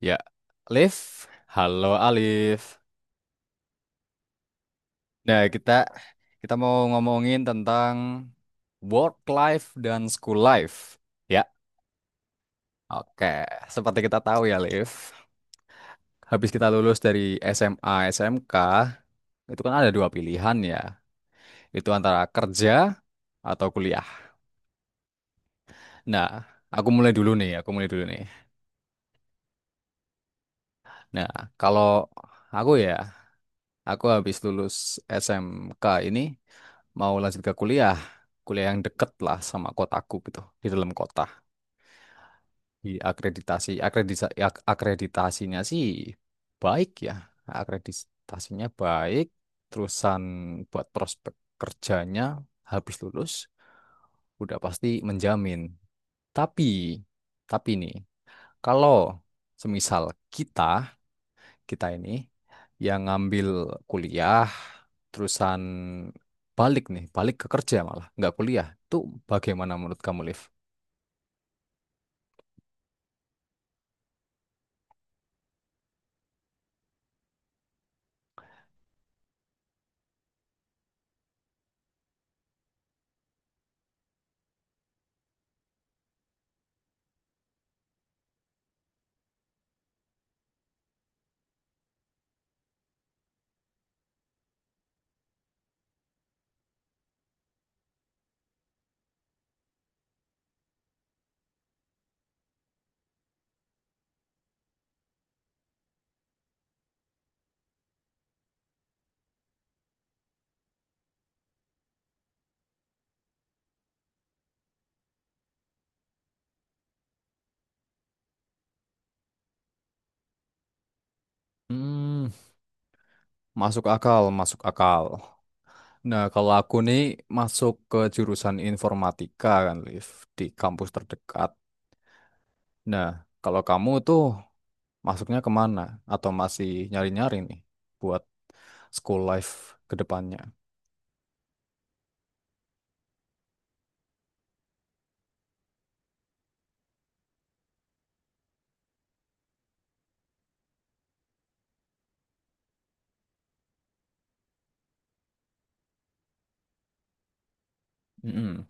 Ya, Alif. Halo Alif. Nah, kita kita mau ngomongin tentang work life dan school life. Ya, oke. Seperti kita tahu ya, Alif. Habis kita lulus dari SMA, SMK, itu kan ada dua pilihan ya. Itu antara kerja atau kuliah. Nah, aku mulai dulu nih. Nah, kalau aku ya, aku habis lulus SMK ini mau lanjut ke kuliah, kuliah yang deket lah sama kotaku gitu, di dalam kota. Di akreditasi, akreditasi, akreditasinya sih baik ya, akreditasinya baik. Terusan buat prospek kerjanya habis lulus udah pasti menjamin. Tapi, tapi nih, kalau semisal kita kita ini yang ngambil kuliah terusan balik ke kerja malah, nggak kuliah. Itu bagaimana menurut kamu, Liv? Hmm, masuk akal, masuk akal. Nah, kalau aku nih masuk ke jurusan informatika kan, Liv, di kampus terdekat. Nah, kalau kamu tuh masuknya kemana? Atau masih nyari-nyari nih buat school life ke depannya? Mm-mm.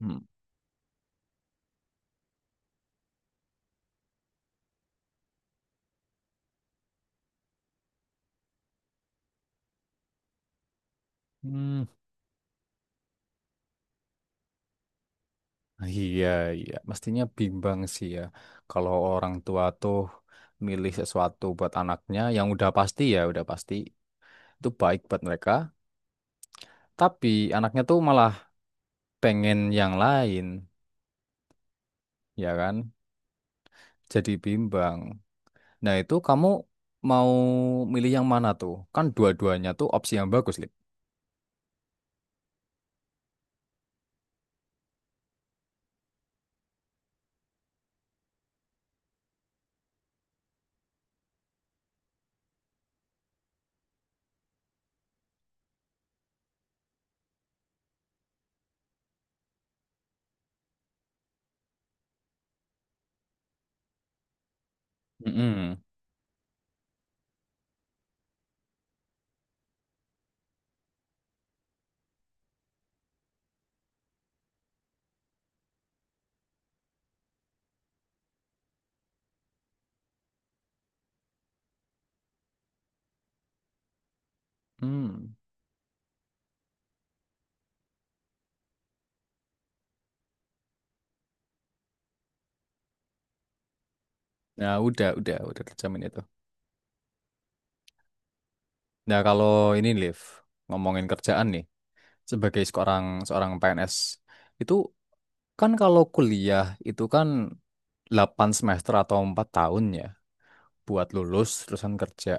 Hmm. Hmm, iya, iya. Mestinya bimbang sih ya. Kalau orang tua tuh milih sesuatu buat anaknya yang udah pasti ya, udah pasti itu baik buat mereka. Tapi anaknya tuh malah pengen yang lain, ya kan? Jadi bimbang. Nah, itu kamu mau milih yang mana tuh? Kan dua-duanya tuh opsi yang bagus, Lip. Mm-mm. Hmm. Nah, udah terjamin itu. Nah, kalau ini, Liv, ngomongin kerjaan nih, sebagai seorang seorang PNS itu, kan kalau kuliah itu kan 8 semester atau 4 tahun ya buat lulus terusan kerja.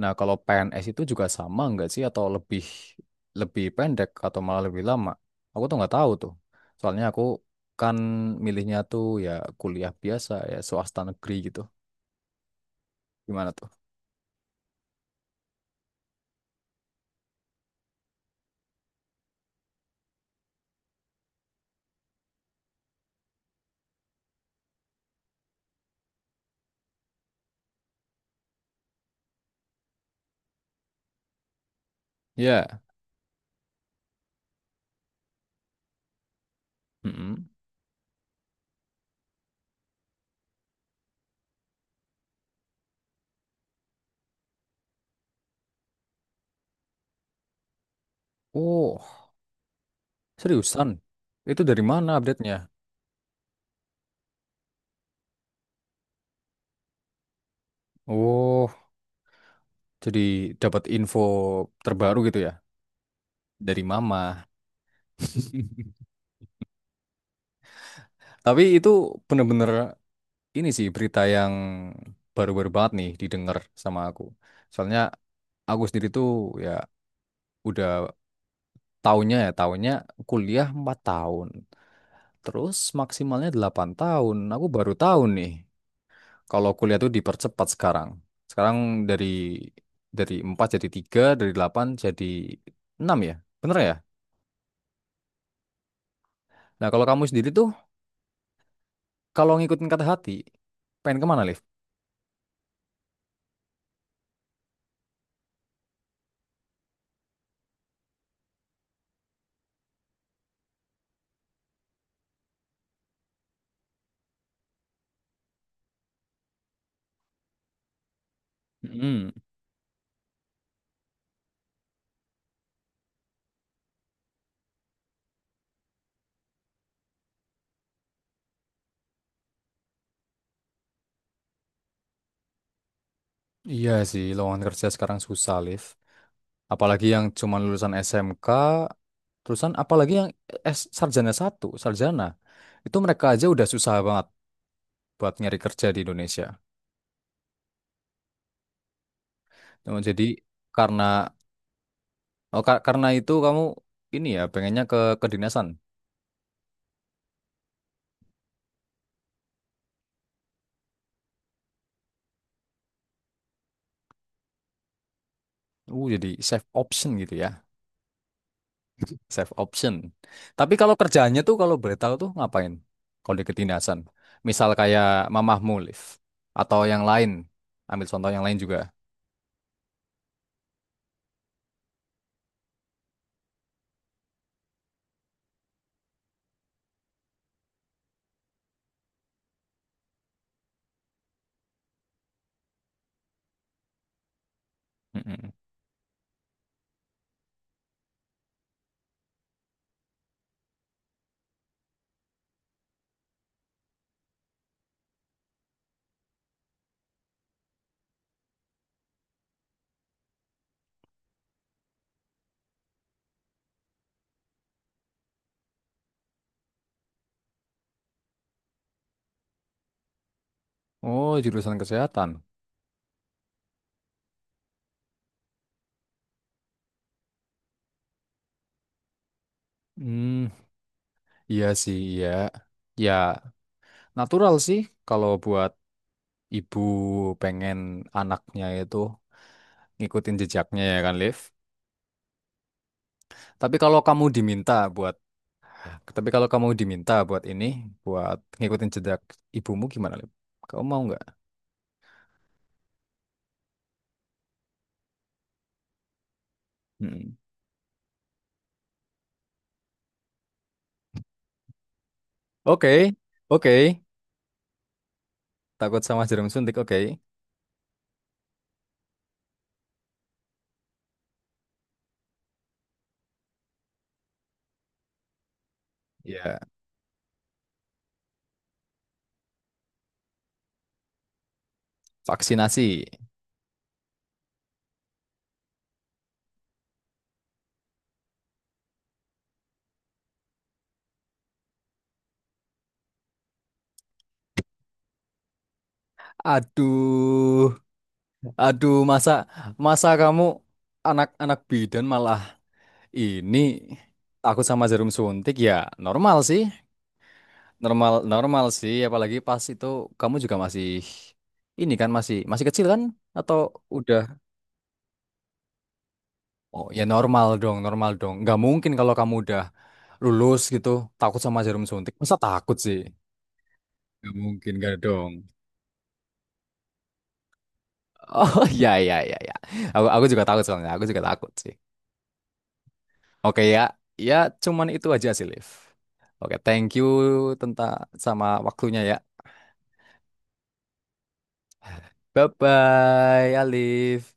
Nah, kalau PNS itu juga sama nggak sih atau lebih lebih pendek atau malah lebih lama? Aku tuh nggak tahu tuh. Soalnya aku kan milihnya tuh ya kuliah biasa ya swasta negeri gitu. Gimana tuh? Ya. Mm-mm. Oh, seriusan? Itu dari mana update-nya? Oh, jadi dapat info terbaru gitu ya dari mama. Tapi itu bener-bener ini sih berita yang baru-baru banget nih didengar sama aku. Soalnya aku sendiri tuh ya udah tahunnya kuliah 4 tahun. Terus maksimalnya 8 tahun. Aku baru tahu nih kalau kuliah tuh dipercepat sekarang. Sekarang dari dari 4 jadi tiga, dari 8 jadi enam ya. Bener ya? Nah, kalau kamu sendiri tuh kalau ngikutin kata hati, pengen kemana, Liv? Mm. Iya sih, lowongan kerja sekarang susah, Liv. Apalagi yang cuman lulusan SMK, lulusan apalagi yang S sarjana satu, sarjana itu mereka aja udah susah banget buat nyari kerja di Indonesia. Nah, jadi karena karena itu kamu ini ya pengennya ke kedinasan. Jadi safe option gitu ya, safe option. Tapi kalau kerjaannya tuh kalau boleh tahu tuh ngapain kalau di kedinasan, misal kayak mamah mulif atau yang lain, ambil contoh yang lain juga. Mm-mm. Oh, jurusan kesehatan. Hmm, iya sih, iya. Ya, natural sih kalau buat ibu pengen anaknya itu ngikutin jejaknya ya kan, Liv. Tapi kalau kamu diminta buat, tapi kalau kamu diminta buat ini, buat ngikutin jejak ibumu gimana, Liv? Kamu mau nggak? Mm-mm. Oke, oke. Takut sama jarum suntik, oke. Ya, vaksinasi. Aduh, aduh, masa, masa kamu anak-anak bidan malah. Ini aku sama jarum suntik ya normal sih, normal normal sih. Apalagi pas itu kamu juga masih ini kan masih masih kecil kan? Atau udah? Oh ya normal dong, normal dong. Nggak mungkin kalau kamu udah lulus gitu takut sama jarum suntik. Masa takut sih? Nggak mungkin, nggak dong. Oh ya ya ya ya. Aku juga takut soalnya. Aku juga takut sih. Oke ya, ya cuman itu aja sih Liv. Oke, thank you tentang sama waktunya ya. Bye bye, Alif.